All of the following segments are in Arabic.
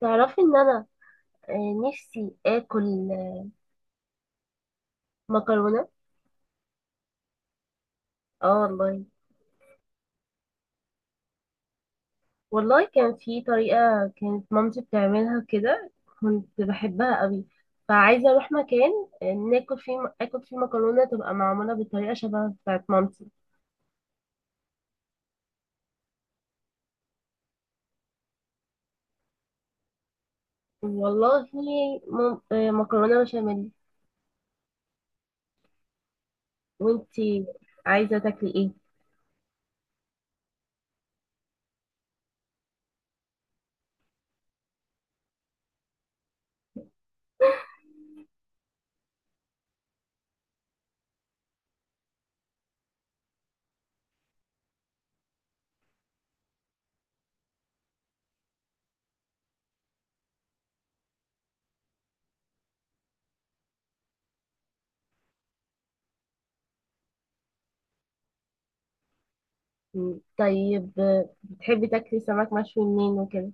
تعرفي ان انا نفسي اكل مكرونه. اه والله. والله كان في طريقه، كانت مامتي بتعملها كده، كنت بحبها قوي، فعايزه اروح مكان ناكل فيه اكل، فيه مكرونه تبقى معموله بطريقه شبه بتاعت مامتي. والله مكرونه بشاميل. وانتي عايزه تاكلي ايه؟ مم، طيب، بتحبي تاكلي سمك مشوي منين وكده؟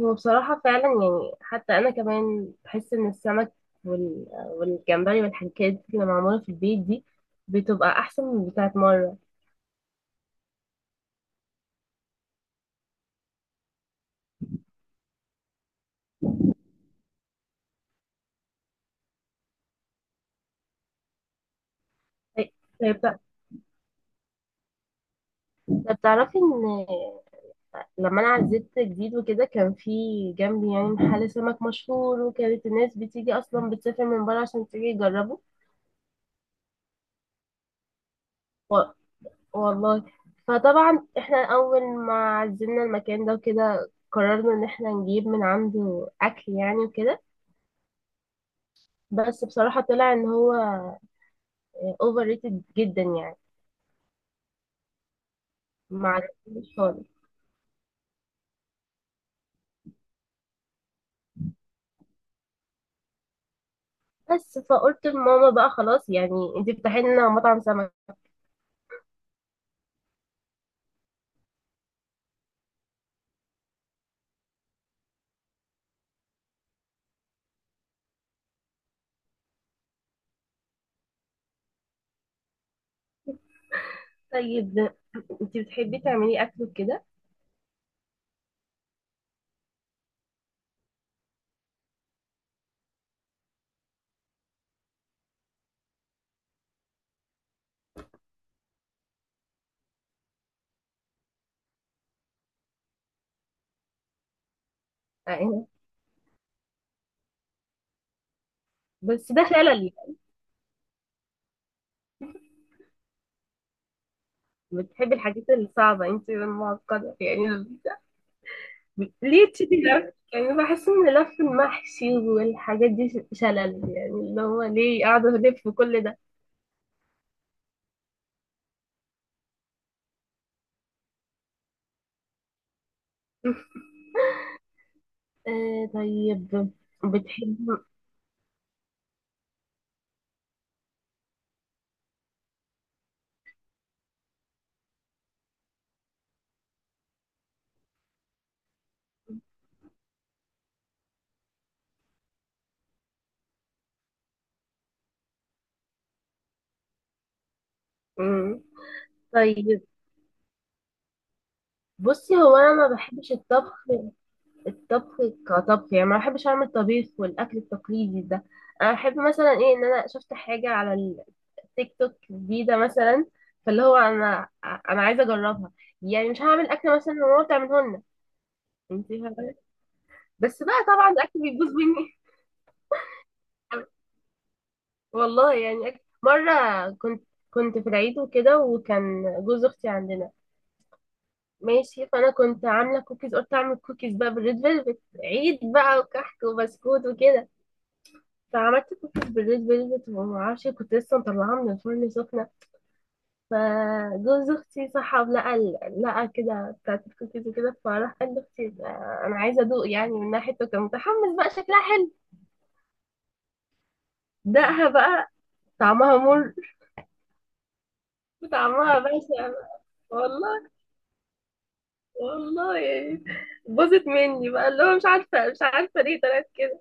هو بصراحة فعلا يعني، حتى أنا كمان بحس إن السمك وال... والجمبري والحاجات دي اللي معمولة في البيت دي بتبقى أحسن من بتاعة بره. طيب، طيب بتع- طب تعرفي إن لما أنا عزلت جديد وكده، كان في جنبي يعني محل سمك مشهور، وكانت الناس بتيجي أصلا بتسافر من بره عشان تيجي يجربه. و... والله، فطبعا إحنا أول ما عزلنا المكان ده وكده قررنا إن إحنا نجيب من عنده أكل يعني وكده. بس بصراحة طلع ان هو اوفر ريتد جدا يعني. ما عجبنيش خالص. بس فقلت لماما بقى خلاص يعني، انت بتفتحي لنا مطعم سمك. طيب، انت بتحبي تعملي اكل كده يعني؟ بس ده شلل يعني. بتحبي الحاجات الصعبة انت، المعقدة يعني؟ ليه تشتي لف يعني؟ بحس ان لف المحشي والحاجات دي شلل يعني، اللي هو ليه قاعدة الف كل ده؟ آه طيب، بتحب. مم. طيب، بصي هو انا ما بحبش الطبخ. الطبخ كطبخ يعني، ما بحبش اعمل طبيخ والاكل التقليدي ده. انا بحب مثلا ايه، ان انا شفت حاجه على التيك توك جديده مثلا، فاللي هو انا، انا عايزه اجربها. يعني مش هعمل اكل مثلا ماما بتعمله لنا. انت فاهمه؟ بس بقى طبعا الاكل بيبوظ مني. والله يعني مره كنت في العيد وكده، وكان جوز اختي عندنا. ماشي، فانا كنت عامله كوكيز، قلت اعمل كوكيز بقى بالريد فيلفت عيد بقى، وكحك وبسكوت وكده. عملت كوكيز بالليل بيضة، ومعرفش كنت لسه مطلعاها من الفرن سخنة. فجوز اختي صحى، لقى لقى كده بتاعت الكوكيز وكده، فراح قال لاختي انا عايزة ادوق. يعني من ناحيته كان متحمس بقى، شكلها حلو. دقها بقى، طعمها مر، طعمها بشع بقى. والله. والله يعني باظت مني بقى، اللي هو مش عارفة ليه طلعت كده.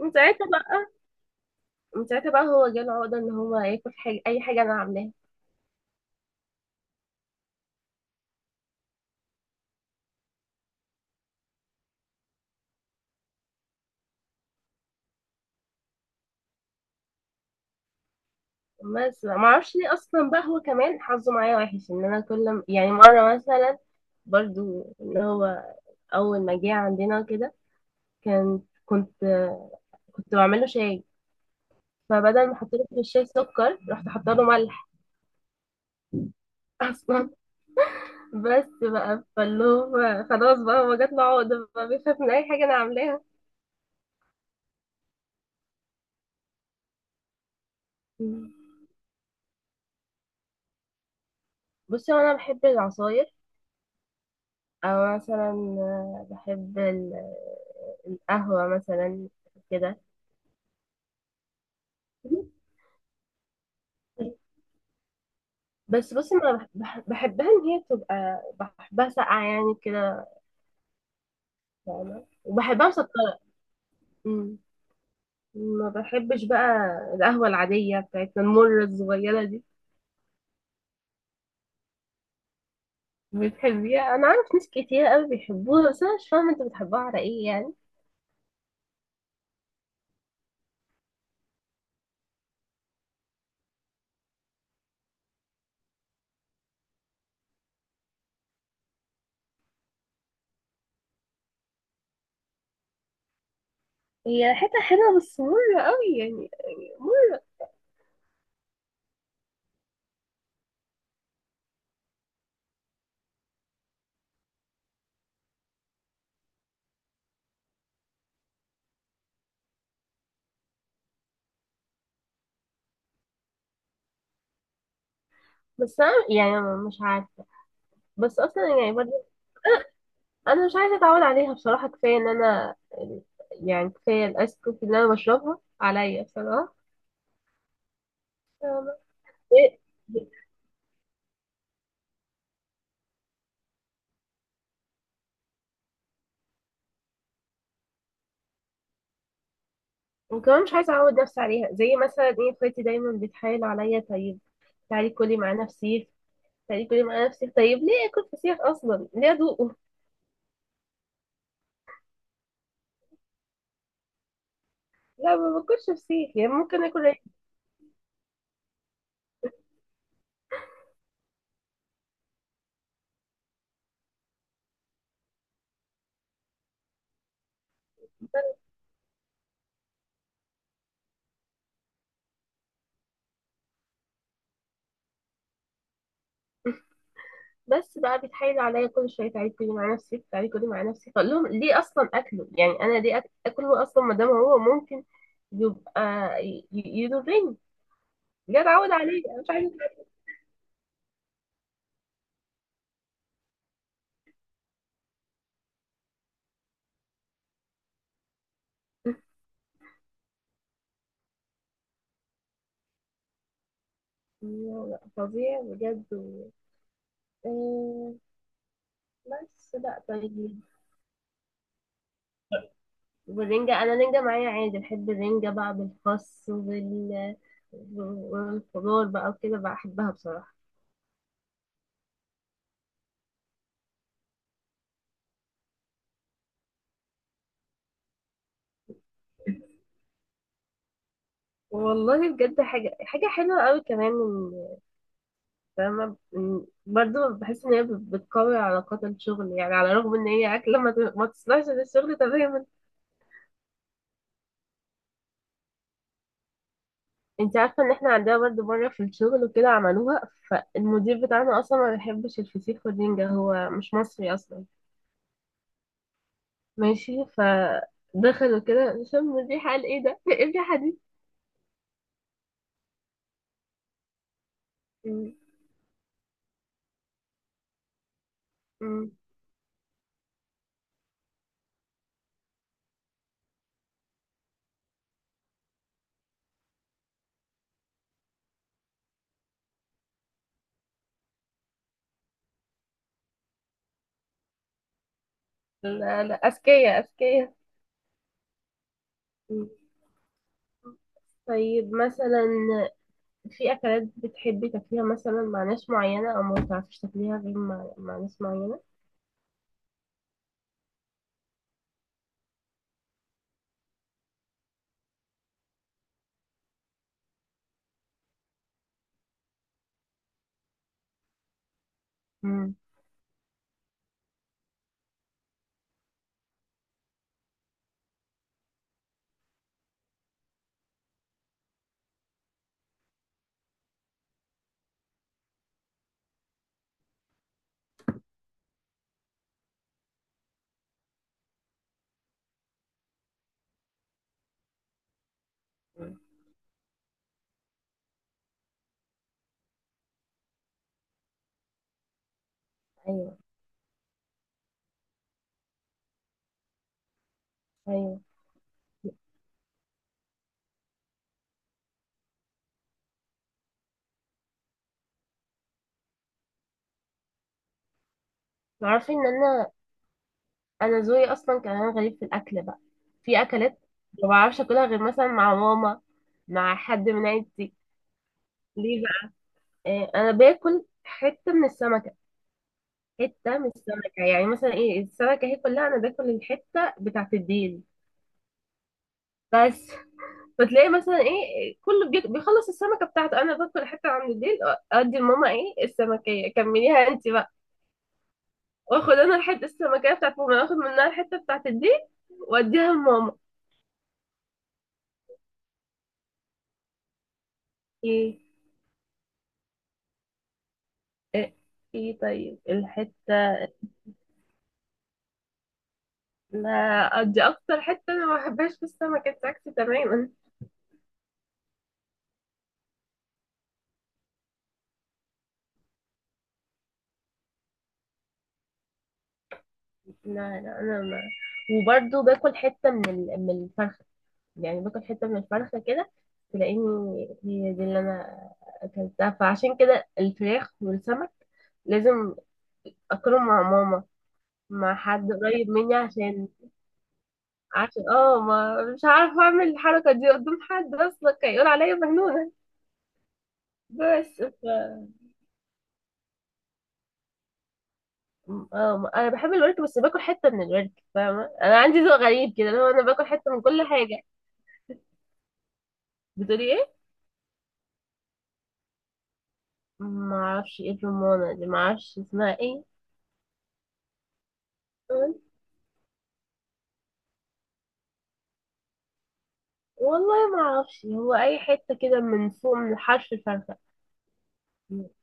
من ساعتها بقى من ساعتها بقى هو جاله عقدة ان هو ياكل حاجة، اي حاجة انا عاملاها. بس ما اعرفش ليه اصلا بقى، هو كمان حظه معايا وحش ان انا يعني مره مثلا، برضو اللي هو اول ما جه عندنا كده، كان كنت كنت بعمل له شاي، فبدل ما احط له في الشاي سكر رحت حاطه له ملح. اصلا. بس بقى فاللي هو خلاص بقى، هو جات له عقده بقى بيخاف من اي حاجه انا عاملاها. بصي هو انا بحب العصاير، او مثلا بحب القهوه مثلا كده. بس بصي ما أنا بح- بحبها ان هي تبقى، بحبها ساقعه يعني كده، فاهمه، وبحبها مسكره. أمم. ما بحبش بقى القهوه العاديه بتاعتنا المره الصغيره دي. بتحبيها؟ انا عارف ناس كتير قوي بيحبوها، بس انا مش فاهمه انت بتحبوها على ايه يعني. هي ريحتها حلوه، بس مره قوي يعني، يعني مره. بس انا يعني مش عارفه، بس اصلا يعني برضه انا مش عايزه اتعود عليها بصراحه. كفايه ان انا يعني، كفايه الايس كوفي اللي انا بشربها عليا بصراحه. وكمان مش عايزة أعود نفسي عليها، زي مثلا إيه، اخواتي دايما بتحايل عليا، طيب تعالي كلي معانا فسيخ، تعالي كلي معانا فسيخ، طيب ليه آكل فسيخ أصلا؟ ليه أدوقه؟ لا، ما باكلش فسيخ يعني، ممكن آكل رز. بس بقى بيتحايل عليا كل شوية، تعالي كلي معانا فسيخ، تعالي كلي معانا فسيخ، أقول لهم ليه أصلا أكله يعني، أنا ليه أكله أصلا، ما دام هو ممكن يبقى يضرني. بجد أعود عليه أنا مش عايزة. لا، لا، فظيع بجد آه، بس لا طيب. والرنجة، أنا رنجة معايا عادي، بحب الرنجة بقى بالخس وبال، والخضار بقى وكده، بحبها بصراحة. والله بجد حاجة، حاجة حلوة قوي كمان فاهمة برضو بحس إن هي بتقوي علاقات الشغل يعني، على الرغم إن هي أكلة ما تصلحش للشغل تماما. أنت عارفة إن إحنا عندنا برضو مرة في الشغل وكده عملوها، فالمدير بتاعنا أصلا ما بيحبش الفسيخ والرنجة، هو مش مصري أصلا. ماشي ف، دخلوا كده شم الريحة قال ايه ده؟ ايه الريحة دي؟ مم. مم. لا لا، أذكياء أذكياء. مم. طيب مثلا، في أكلات بتحبي تاكليها مثلا مع ناس معينة، أو ما بتعرفيش تاكليها غير مع ناس معينة؟ مم. مم. أيوه أيوه. تعرفي إن أنا، أنا ذوقي أصلا كمان غريب في الأكل بقى. في أكلات ما بعرفش أكلها غير مثلا مع ماما، مع حد من عيلتي. ليه بقى؟ أنا باكل حتة من السمك، حته من السمكه يعني. مثلا ايه، السمكه هي كلها، انا باكل الحته بتاعت الديل. بس فتلاقي مثلا ايه، كله بيخلص السمكه بتاعته، انا باكل حته عند الديل، ادي لماما. ايه السمكيه، كمليها انت بقى، واخد انا الحته السمكيه بتاعت ماما، اخد منها الحته بتاعت الديل واديها لماما. ايه، ايه. إيه طيب الحته. لا دي اكتر حته انا ما بحبهاش في السمكه بتاعتي تماما. لا لا، انا ما وبرضه باكل حته من الفرخه، يعني باكل حتة من الفرخة كده، تلاقيني هي دي اللي أنا أكلتها، فعشان كده الفراخ والسمك لازم أكلهم مع ماما، مع حد قريب مني عشان، عشان اه ما مش عارفة أعمل الحركة دي قدام حد، أصلا هيقول عليا مجنونة. بس ف... اه أنا بحب الورك، بس باكل حتة من الورك، فاهمة، أنا عندي ذوق غريب كده اللي هو أنا باكل حتة من كل حاجة. بتقولي إيه؟ معرفش إيه الرمانة دي، معرفش اسمها إيه. والله ما اعرفش، هو اي حته كده من فوق من الحرف الفرخة.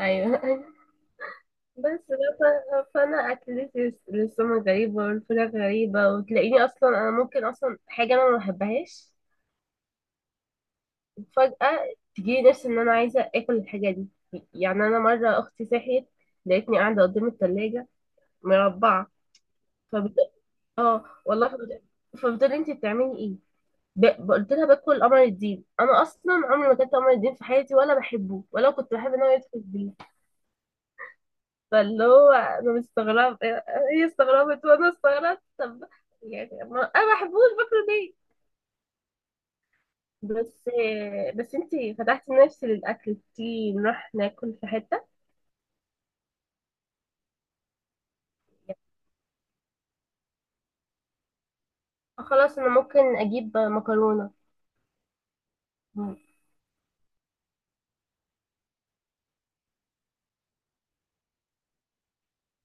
ايوه ايوه. بس بقى، فانا اكلتي للسمك غريبه والفراخ غريبه، وتلاقيني اصلا انا ممكن اصلا حاجه انا ما بحبهاش فجاه تجيلي نفسي ان انا عايزه اكل الحاجه دي. يعني انا مره اختي صحيت لقيتني قاعده قدام التلاجة مربعه. فبت... اه والله فبت... فبتقولي انت بتعملي إيه؟ قلت لها باكل قمر الدين، انا اصلا عمري ما كنت قمر الدين في حياتي ولا بحبه ولا كنت بحب ان هو يدخل بيه. فاللي هو انا مستغربه، هي استغربت وانا استغربت. طب يعني، ما انا ما بحبوش، باكله ليه؟ بس بس انتي فتحتي نفسي للاكل، تيجي نروح ناكل في حته. خلاص انا ممكن اجيب مكرونه. م-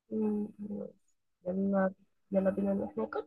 م- يلا، يلا بينا نروح ناكل.